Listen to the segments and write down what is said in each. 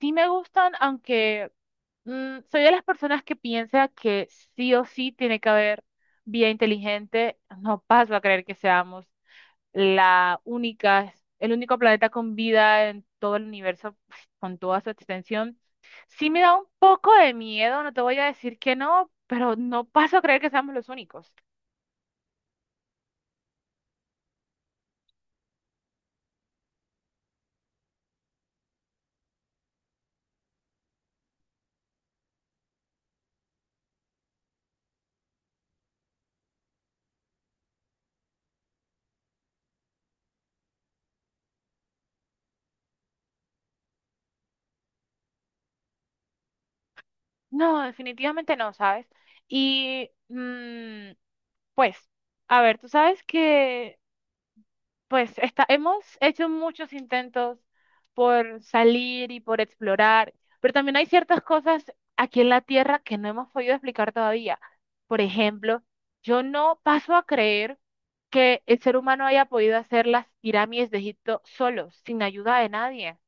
Sí me gustan, aunque soy de las personas que piensa que sí o sí tiene que haber vía inteligente. No paso a creer que seamos la única, el único planeta con vida en todo el universo, pues, con toda su extensión. Sí me da un poco de miedo, no te voy a decir que no, pero no paso a creer que seamos los únicos. No, definitivamente no, ¿sabes? Y pues, a ver, tú sabes que pues está, hemos hecho muchos intentos por salir y por explorar, pero también hay ciertas cosas aquí en la Tierra que no hemos podido explicar todavía. Por ejemplo, yo no paso a creer que el ser humano haya podido hacer las pirámides de Egipto solo, sin ayuda de nadie.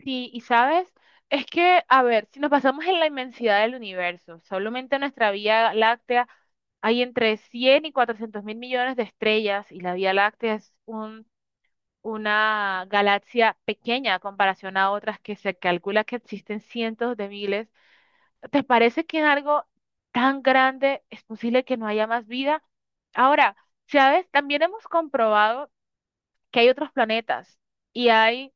Sí, y sabes, es que, a ver, si nos basamos en la inmensidad del universo, solamente nuestra Vía Láctea hay entre 100 y 400 mil millones de estrellas y la Vía Láctea es un una galaxia pequeña a comparación a otras que se calcula que existen cientos de miles. ¿Te parece que en algo tan grande es posible que no haya más vida? Ahora, ¿sabes? También hemos comprobado que hay otros planetas y hay,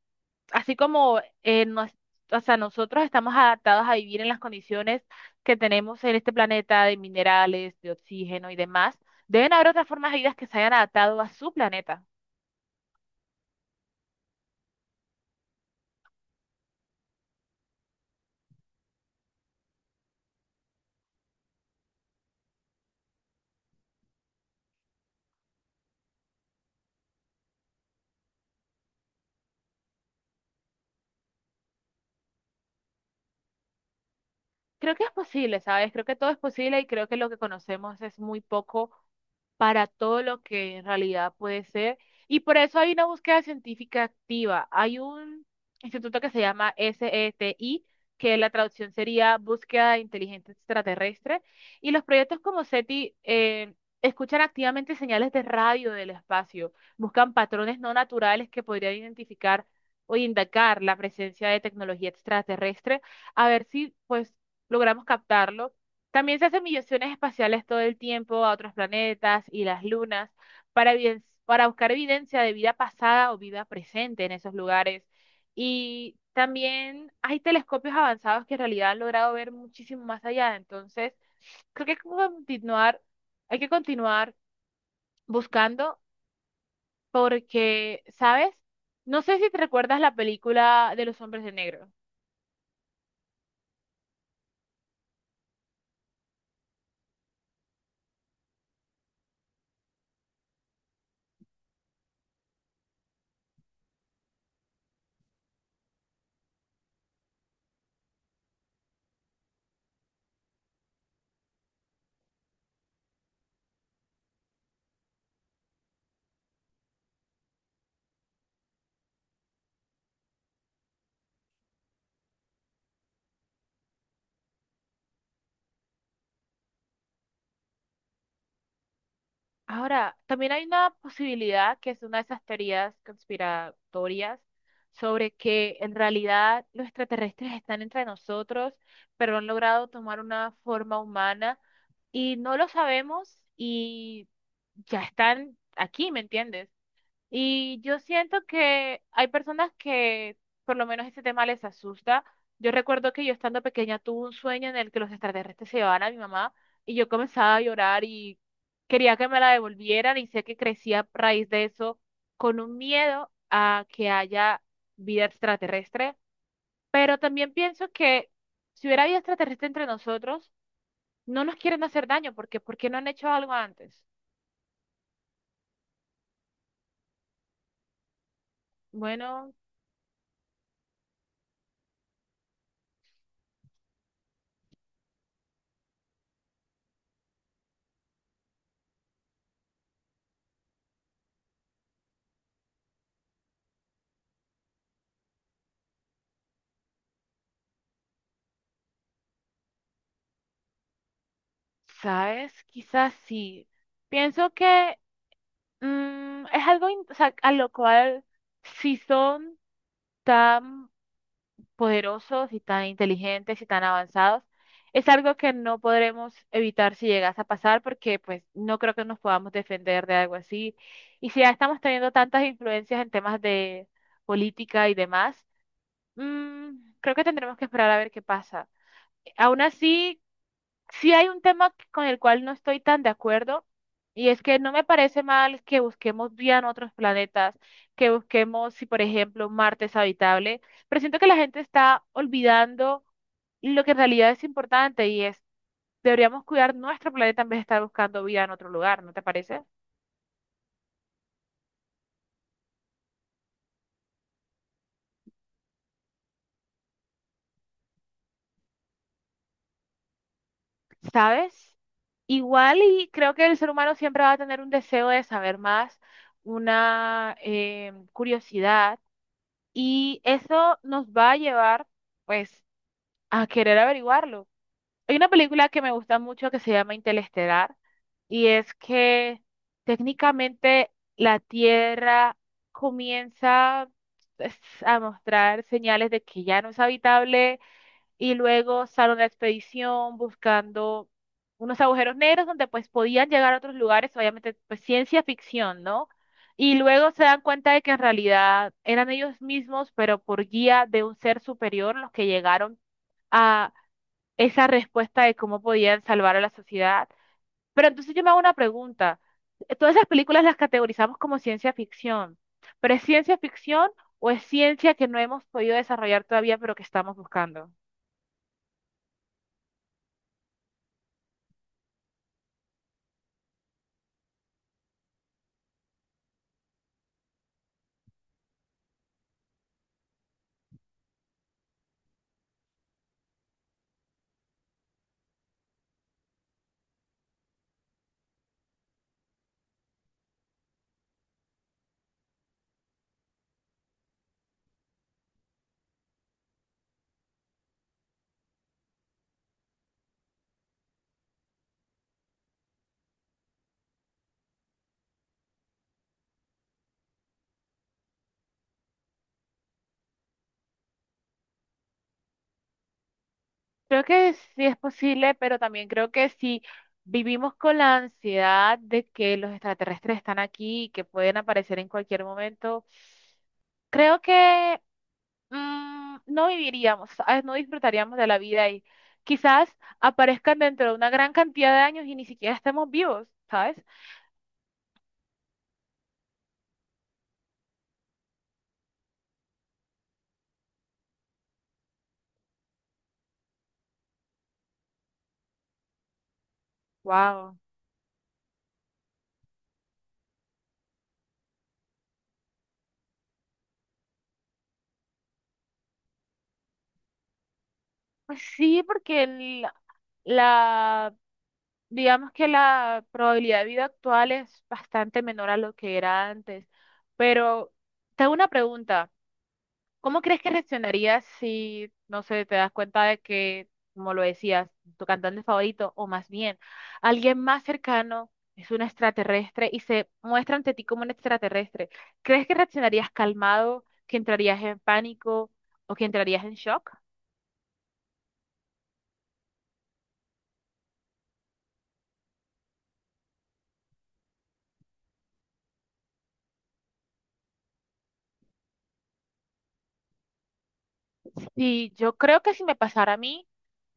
así como o sea, nosotros estamos adaptados a vivir en las condiciones que tenemos en este planeta de minerales, de oxígeno y demás, deben haber otras formas de vida que se hayan adaptado a su planeta. Creo que es posible, ¿sabes? Creo que todo es posible y creo que lo que conocemos es muy poco para todo lo que en realidad puede ser. Y por eso hay una búsqueda científica activa. Hay un instituto que se llama SETI, que la traducción sería Búsqueda Inteligente Extraterrestre. Y los proyectos como SETI escuchan activamente señales de radio del espacio, buscan patrones no naturales que podrían identificar o indicar la presencia de tecnología extraterrestre a ver si pues logramos captarlo. También se hacen misiones espaciales todo el tiempo a otros planetas y las lunas para, para buscar evidencia de vida pasada o vida presente en esos lugares. Y también hay telescopios avanzados que en realidad han logrado ver muchísimo más allá. Entonces, creo que hay que continuar buscando porque, ¿sabes? No sé si te recuerdas la película de los hombres de negro. Ahora, también hay una posibilidad que es una de esas teorías conspiratorias sobre que en realidad los extraterrestres están entre nosotros, pero han logrado tomar una forma humana y no lo sabemos y ya están aquí, ¿me entiendes? Y yo siento que hay personas que por lo menos ese tema les asusta. Yo recuerdo que yo estando pequeña tuve un sueño en el que los extraterrestres se llevaban a mi mamá y yo comenzaba a llorar y quería que me la devolvieran y sé que crecí a raíz de eso con un miedo a que haya vida extraterrestre. Pero también pienso que si hubiera vida extraterrestre entre nosotros, no nos quieren hacer daño porque ¿por qué no han hecho algo antes? Bueno. ¿Sabes? Quizás sí. Pienso que es algo o sea, a lo cual si son tan poderosos y tan inteligentes y tan avanzados, es algo que no podremos evitar si llegase a pasar porque pues no creo que nos podamos defender de algo así. Y si ya estamos teniendo tantas influencias en temas de política y demás, creo que tendremos que esperar a ver qué pasa. Aún así, sí hay un tema con el cual no estoy tan de acuerdo y es que no me parece mal que busquemos vida en otros planetas, que busquemos, si por ejemplo Marte es habitable, pero siento que la gente está olvidando lo que en realidad es importante y es, deberíamos cuidar nuestro planeta en vez de estar buscando vida en otro lugar, ¿no te parece? ¿Sabes? Igual y creo que el ser humano siempre va a tener un deseo de saber más, una curiosidad y eso nos va a llevar pues a querer averiguarlo. Hay una película que me gusta mucho que se llama Interestelar y es que técnicamente la Tierra comienza pues, a mostrar señales de que ya no es habitable y luego sale una expedición buscando unos agujeros negros donde pues podían llegar a otros lugares, obviamente pues ciencia ficción, ¿no? Y luego se dan cuenta de que en realidad eran ellos mismos, pero por guía de un ser superior los que llegaron a esa respuesta de cómo podían salvar a la sociedad. Pero entonces yo me hago una pregunta. Todas esas películas las categorizamos como ciencia ficción, pero ¿es ciencia ficción o es ciencia que no hemos podido desarrollar todavía, pero que estamos buscando? Creo que sí es posible, pero también creo que si vivimos con la ansiedad de que los extraterrestres están aquí y que pueden aparecer en cualquier momento. Creo que no viviríamos, ¿sabes? No disfrutaríamos de la vida y quizás aparezcan dentro de una gran cantidad de años y ni siquiera estemos vivos, ¿sabes? Wow. Pues sí, porque la, digamos que la probabilidad de vida actual es bastante menor a lo que era antes. Pero tengo una pregunta. ¿Cómo crees que reaccionarías si, no sé, te das cuenta de que, como lo decías, tu cantante favorito, o más bien, alguien más cercano es un extraterrestre y se muestra ante ti como un extraterrestre? ¿Crees que reaccionarías calmado, que entrarías en pánico o que entrarías en shock? Sí, yo creo que si me pasara a mí,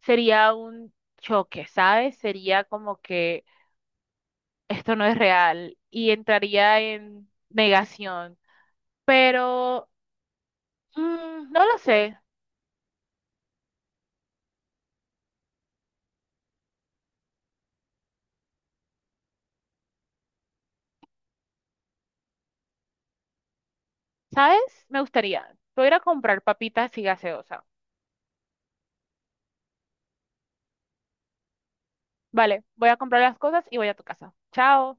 sería un choque, ¿sabes? Sería como que esto no es real y entraría en negación. Pero... no lo sé. ¿Sabes? Me gustaría. Voy a ir a comprar papitas y gaseosa. Vale, voy a comprar las cosas y voy a tu casa. Chao.